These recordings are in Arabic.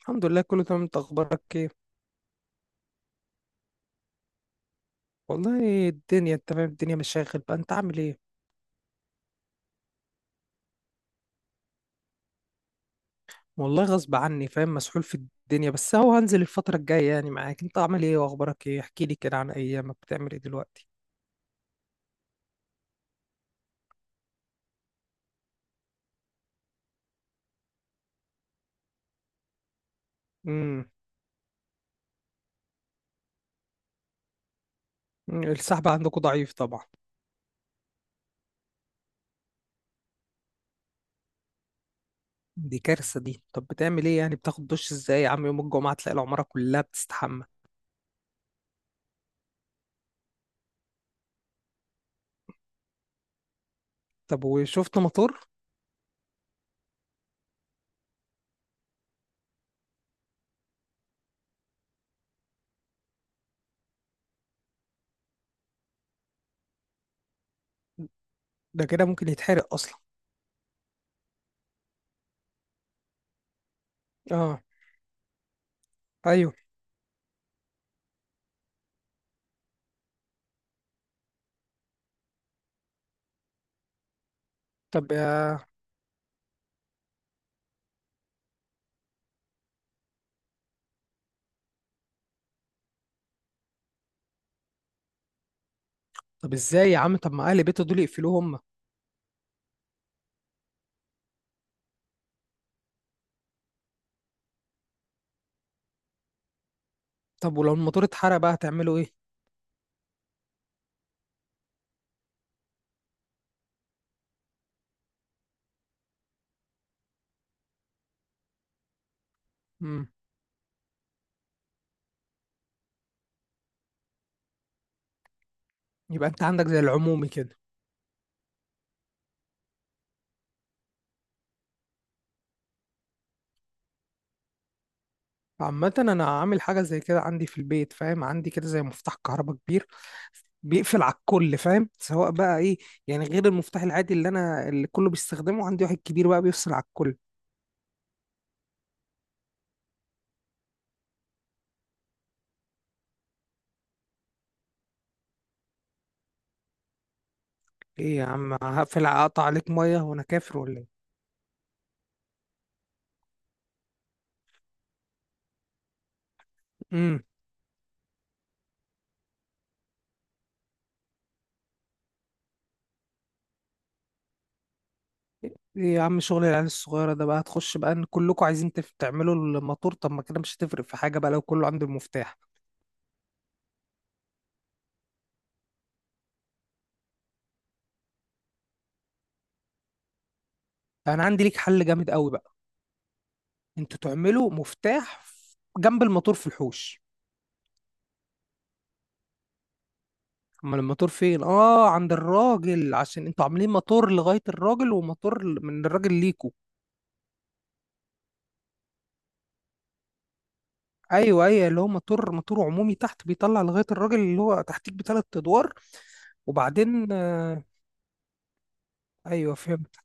الحمد لله، كله تمام. انت اخبارك ايه؟ والله الدنيا، انت فاهم، الدنيا مشاغل بقى. انت عامل ايه؟ والله غصب عني، فاهم، مسحول في الدنيا، بس هو هنزل الفترة الجاية، يعني معاك. انت عامل ايه واخبارك ايه؟ احكي لي كده عن ايامك، بتعمل ايه دلوقتي؟ امم. السحب عندكم ضعيف طبعا. دي كارثة دي. طب بتعمل ايه يعني؟ بتاخد دش ازاي يا عم؟ يوم الجمعة تلاقي العمارة كلها بتستحمى. طب وشفت مطر؟ ده كده ممكن يتحرق اصلا. اه. ايوه. طب يا طب ازاي يا عم؟ طب ما اهل بيته دول يقفلوه هم. طب ولو الموتور اتحرق بقى هتعملوا ايه؟ مم. يبقى انت عندك زي العمومي كده. عامة انا عامل حاجة زي كده عندي في البيت، فاهم؟ عندي كده زي مفتاح كهرباء كبير بيقفل على الكل، فاهم؟ سواء بقى ايه، يعني غير المفتاح العادي اللي انا، اللي كله بيستخدمه، عندي واحد كبير بقى بيفصل على الكل. ايه يا عم؟ هقفل اقطع عليك مية وانا كافر ولا ايه؟ امم. ايه يا عم؟ شغل العيال الصغيرة ده بقى، هتخش بقى ان كلكم عايزين تعملوا الموتور. طب ما كده مش هتفرق في حاجة بقى لو كله عنده المفتاح. انا عندي ليك حل جامد قوي بقى. انتوا تعملوا مفتاح جنب الموتور في الحوش. امال الموتور فين؟ اه، عند الراجل. عشان انتوا عاملين موتور لغاية الراجل وموتور من الراجل ليكوا. ايوه، ايوه، اللي هو موتور موتور عمومي تحت بيطلع لغاية الراجل اللي هو تحتيك بثلاث ادوار. وبعدين آه. ايوه، فهمت.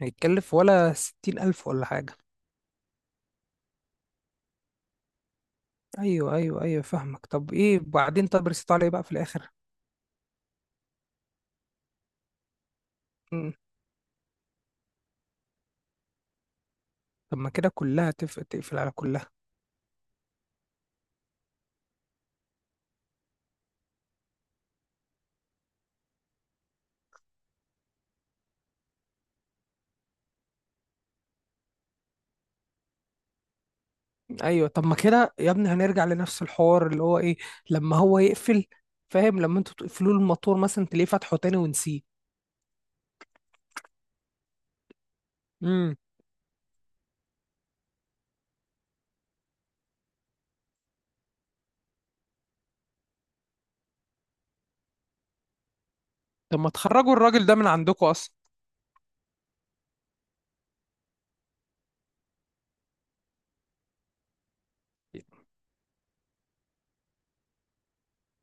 هيتكلف ولا 60 ألف ولا حاجة. ايوه، ايوه، ايوه، فاهمك. طب ايه بعدين؟ طب رسيتوا على ايه بقى في الاخر؟ مم. طب ما كده كلها تقفل على كلها. ايوه. طب ما كده يا ابني هنرجع لنفس الحوار اللي هو ايه، لما هو يقفل، فاهم؟ لما انتوا تقفلوا له الموتور مثلا، تلاقيه فتحه تاني ونسيه. امم. طب ما تخرجوا الراجل ده من عندكم اصلا.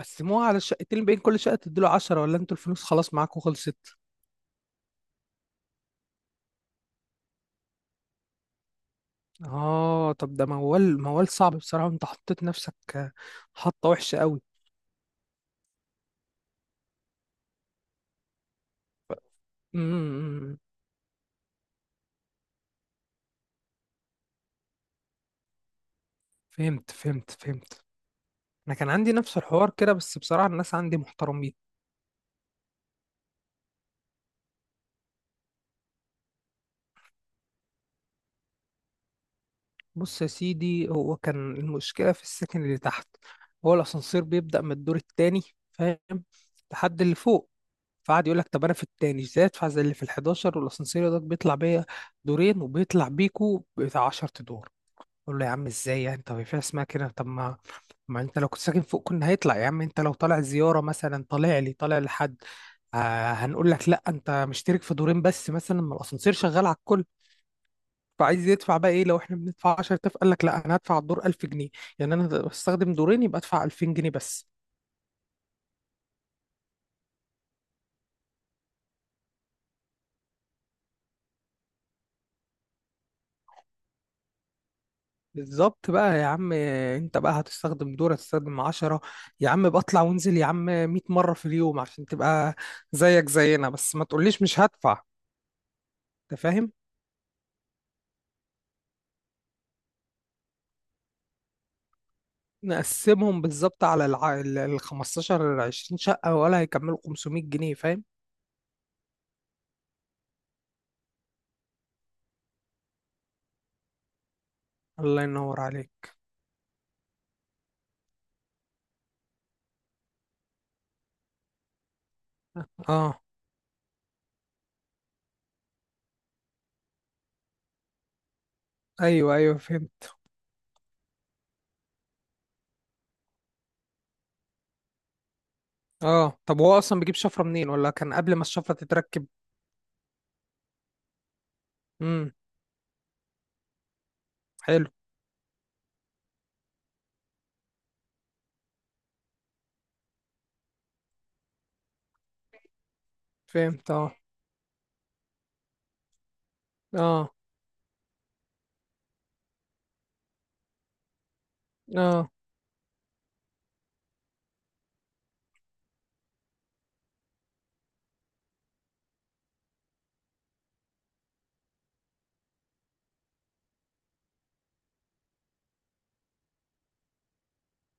قسموها على الشقتين، بين كل شقه تديله 10، ولا انتوا الفلوس خلاص معاكم خلصت؟ اه، طب ده موال، موال صعب بصراحه. انت حطيت نفسك حطه وحشه قوي. امم. فهمت، فهمت، فهمت. انا كان عندي نفس الحوار كده بس بصراحه الناس عندي محترمين. بص يا سيدي، هو كان المشكلة في السكن اللي تحت. هو الأسانسير بيبدأ من الدور التاني، فاهم، لحد اللي فوق. فقعد يقول لك: طب أنا في التاني إزاي أدفع زي اللي في الحداشر؟ والأسانسير ده بيطلع بيا دورين وبيطلع بيكو بتاع عشر أدوار. أقول له: يا عم إزاي يعني؟ طب في اسمها كده. طب ما أنت لو كنت ساكن فوق كنا هيطلع. يا عم أنت لو طالع زيارة مثلا، طالع لي، طالع لحد هنقول لك لا أنت مشترك في دورين بس مثلا؟ ما الأسانسير شغال على الكل. فعايز يدفع بقى ايه؟ لو احنا بندفع 10,000، قال لك لا انا هدفع الدور 1000 جنيه. يعني انا هستخدم دورين، يبقى ادفع 2000 جنيه بس. بالظبط بقى يا عم، انت بقى هتستخدم دور، هتستخدم 10؟ يا عم بطلع وانزل يا عم 100 مرة في اليوم عشان تبقى زيك زينا، بس ما تقوليش مش هدفع. انت فاهم؟ نقسمهم بالظبط على الع... ال ال 15 20 شقة، ولا هيكملوا 500 جنيه، فاهم؟ الله ينور عليك. اه، ايوه، ايوه، فهمت. اه طب هو اصلا بيجيب شفرة منين، ولا كان قبل ما الشفرة تتركب؟ حلو. فهمت. اه. اه. اه،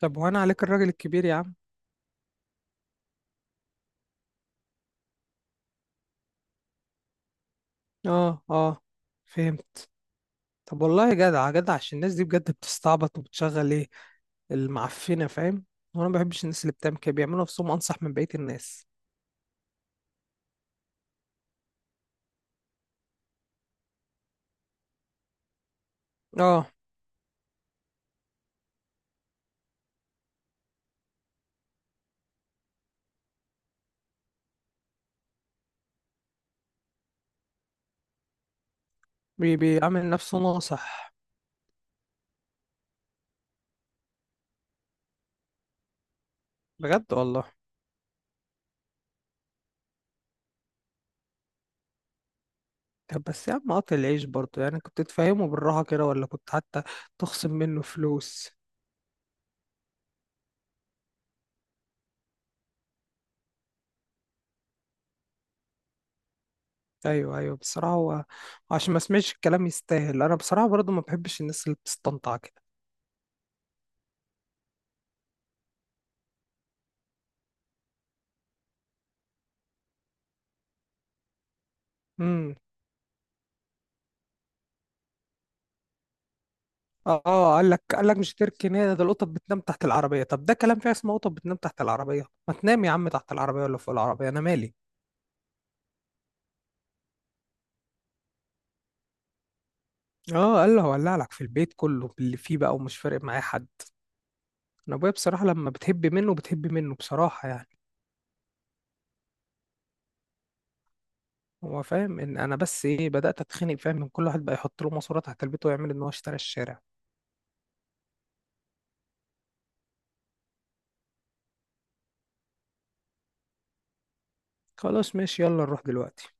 طب وانا عليك الراجل الكبير يا عم. اه. اه، فهمت. طب والله جدع جدع، عشان الناس دي بجد بتستعبط وبتشغل ايه المعفنه، فاهم. وانا ما بحبش الناس اللي بتعمل كده، بيعملوا نفسهم انصح من بقيه الناس. اه، بيعمل نفسه ناصح. بجد والله. طب بس يا عم قاطع العيش برضه يعني، كنت تفهمه بالراحه كده، ولا كنت حتى تخصم منه فلوس؟ ايوه، ايوه، بصراحه هو، عشان ما اسمعش الكلام يستاهل. انا بصراحه برضه ما بحبش الناس اللي بتستنطع كده. امم. اه، قال لك مش تركي نادي، ده القطط بتنام تحت العربيه. طب ده كلام فيه؟ اسمه قطط بتنام تحت العربيه؟ ما تنام يا عم تحت العربيه ولا فوق العربيه، انا مالي؟ اه، قال له هولع لك في البيت كله باللي فيه بقى، ومش فارق معايا حد. انا ابويا بصراحه لما بتهب منه بتهب منه بصراحه، يعني. هو فاهم ان انا بس ايه بدات اتخنق، فاهم، من كل واحد بقى يحط له ماسوره تحت البيت ويعمل ان هو اشترى الشارع. خلاص ماشي، يلا نروح دلوقتي.